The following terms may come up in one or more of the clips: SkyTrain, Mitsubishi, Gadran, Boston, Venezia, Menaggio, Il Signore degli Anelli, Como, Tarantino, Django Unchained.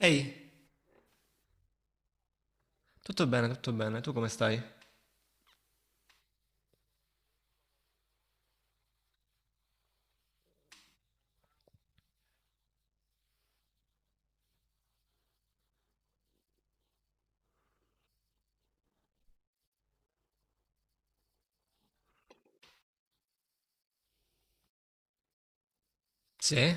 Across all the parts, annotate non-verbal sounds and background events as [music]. Ehi, tutto bene, tu come stai? Sì?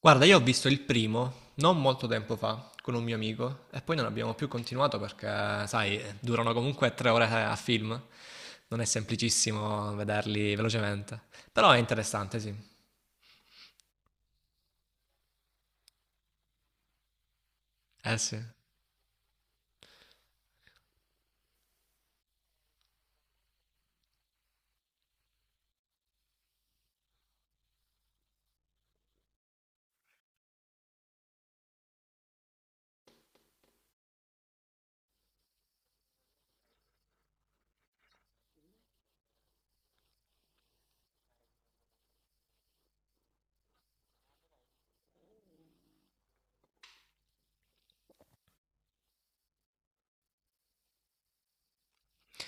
Guarda, io ho visto il primo non molto tempo fa con un mio amico e poi non abbiamo più continuato perché, sai, durano comunque 3 ore a film, non è semplicissimo vederli velocemente, però è interessante, sì. Eh sì.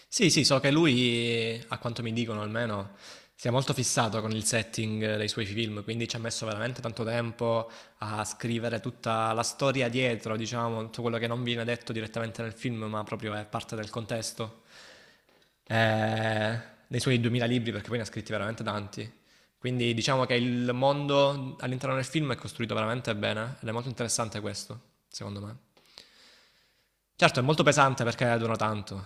Sì, sì, so che lui, a quanto mi dicono almeno, si è molto fissato con il setting dei suoi film, quindi ci ha messo veramente tanto tempo a scrivere tutta la storia dietro, diciamo, tutto quello che non viene detto direttamente nel film, ma proprio è parte del contesto. Eh, Dei suoi 2000 libri, perché poi ne ha scritti veramente tanti. Quindi diciamo che il mondo all'interno del film è costruito veramente bene ed è molto interessante questo, secondo me. Certo, è molto pesante perché dura tanto.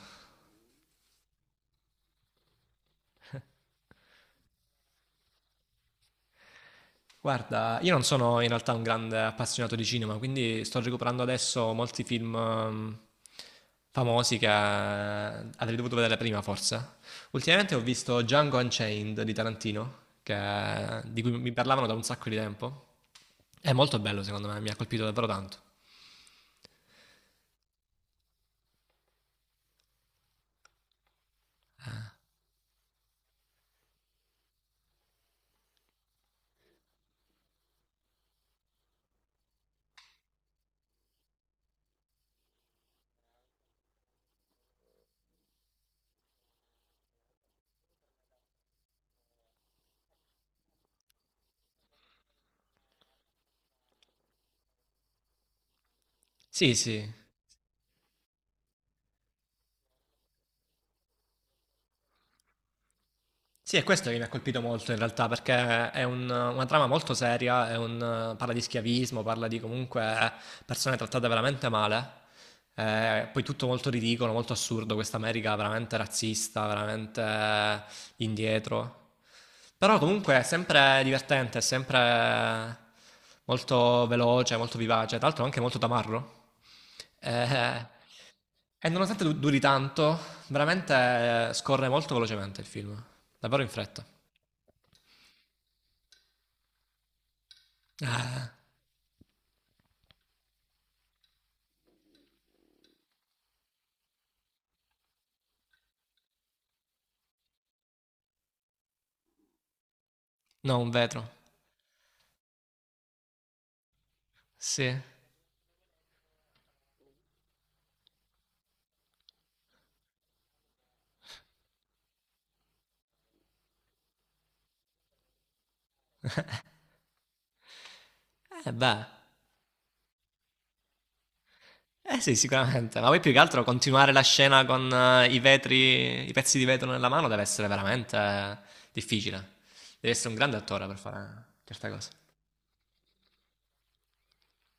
Guarda, io non sono in realtà un grande appassionato di cinema, quindi sto recuperando adesso molti film famosi che avrei dovuto vedere prima, forse. Ultimamente ho visto Django Unchained di Tarantino, di cui mi parlavano da un sacco di tempo. È molto bello, secondo me, mi ha colpito davvero tanto. Sì, sì. Sì, è questo che mi ha colpito molto in realtà, perché una trama molto seria, parla di schiavismo, parla di comunque persone trattate veramente male. Poi tutto molto ridicolo, molto assurdo, questa America veramente razzista, veramente indietro. Però comunque è sempre divertente, è sempre molto veloce, molto vivace, tra l'altro anche molto tamarro. Eh, e nonostante duri tanto, veramente scorre molto velocemente il film. Davvero in fretta. Ah, no, un vetro. Sì. Eh beh. Eh sì, sicuramente. Ma poi più che altro continuare la scena con i vetri, i pezzi di vetro nella mano deve essere veramente difficile. Devi essere un grande attore per fare certe cose.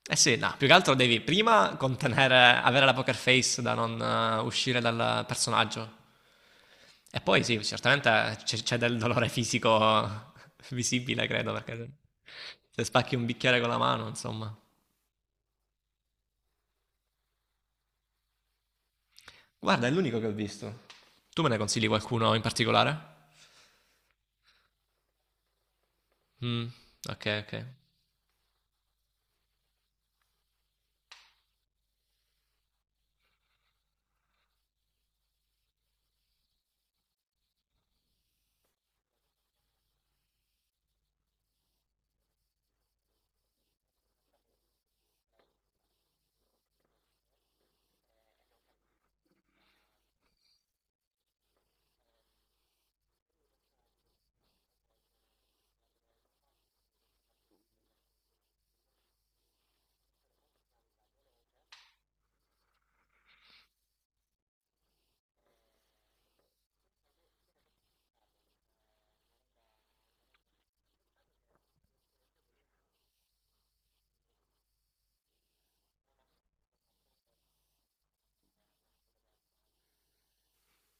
Eh sì, no, più che altro devi prima contenere, avere la poker face da non uscire dal personaggio. E poi sì, certamente c'è, c'è del dolore fisico [laughs] visibile, credo, perché se spacchi un bicchiere con la mano, insomma. Guarda, è l'unico che ho visto. Tu me ne consigli qualcuno in particolare? Mm, ok, ok.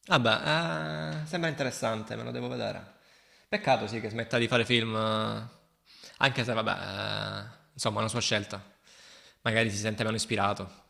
Vabbè, sembra interessante, me lo devo vedere. Peccato sì che smetta di fare film, anche se vabbè, insomma è una sua scelta. Magari si sente meno ispirato.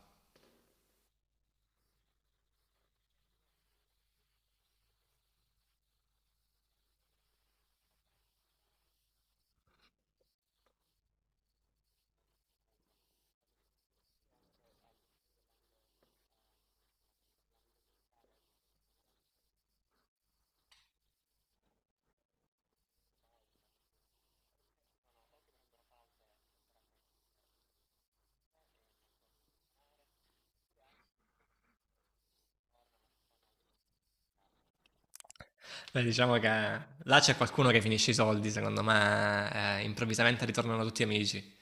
Beh, diciamo che là c'è qualcuno che finisce i soldi, secondo me, improvvisamente ritornano tutti amici.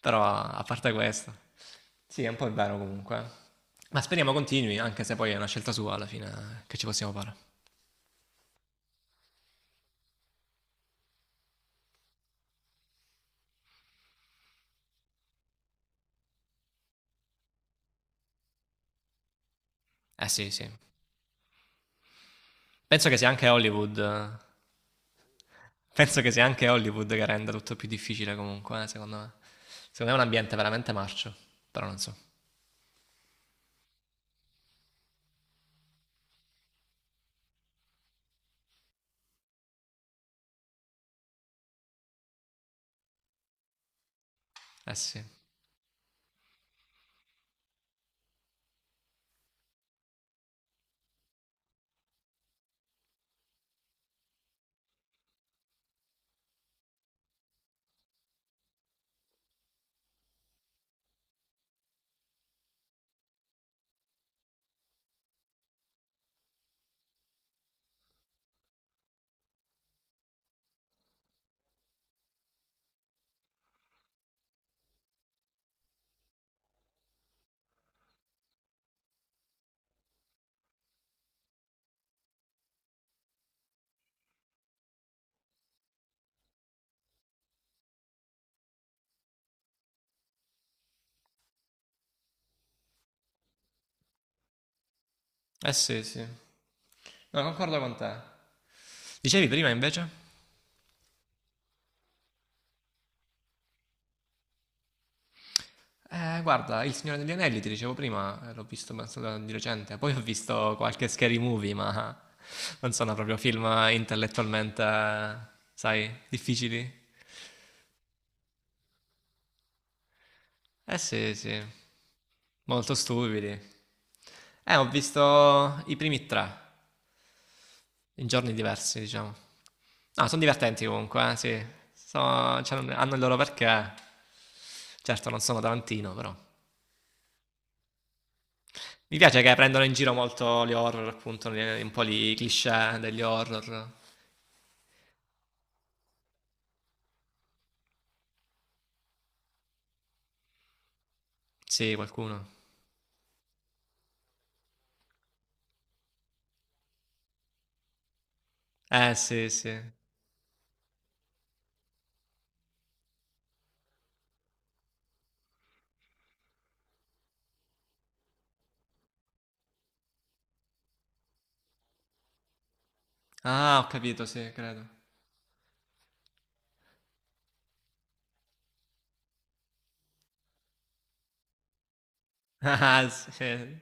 Però a parte questo, sì, è un po' vero comunque. Ma speriamo continui, anche se poi è una scelta sua alla fine, che ci possiamo fare. Eh sì, sì. Penso che sia anche Hollywood eh, Penso che sia anche Hollywood che renda tutto più difficile comunque, secondo me. Secondo me è un ambiente veramente marcio, però non so. Eh sì. Eh sì, sì. No, concordo con te. Dicevi prima invece? Guarda, Il Signore degli Anelli, ti dicevo prima, l'ho visto penso di recente, poi ho visto qualche Scary Movie, ma [laughs] non sono proprio film intellettualmente, sai, difficili. Eh sì, sì. Molto stupidi. Ho visto i primi tre. In giorni diversi, diciamo. No, sono divertenti comunque, sì. Cioè, hanno il loro perché. Certo, non sono Tarantino, però. Mi piace che prendono in giro molto gli horror, appunto, un po' i cliché degli horror. Sì, qualcuno. Sì, sì. Ah, ho capito, sì, credo. [laughs] Ah, sì,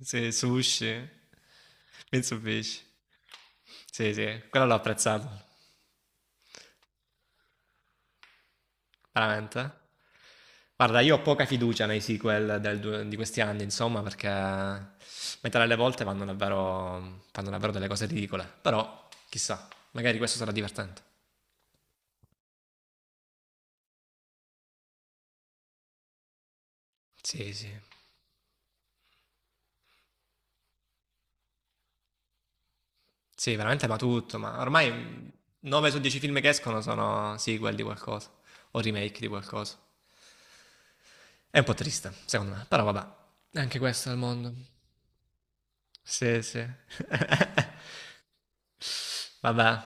sì, sushi. Mitsubishi. Sì, sì, quello l'ho apprezzato. Veramente? Guarda, io ho poca fiducia nei sequel di questi anni, insomma, perché metà delle volte vanno davvero, fanno davvero delle cose ridicole. Però, chissà, magari questo sarà divertente. Sì, sì. Sì, veramente, ma tutto. Ma ormai 9 su 10 film che escono sono sequel di qualcosa o remake di qualcosa. È un po' triste, secondo me, però vabbè. Anche questo è il mondo. Sì, sì. Vabbè,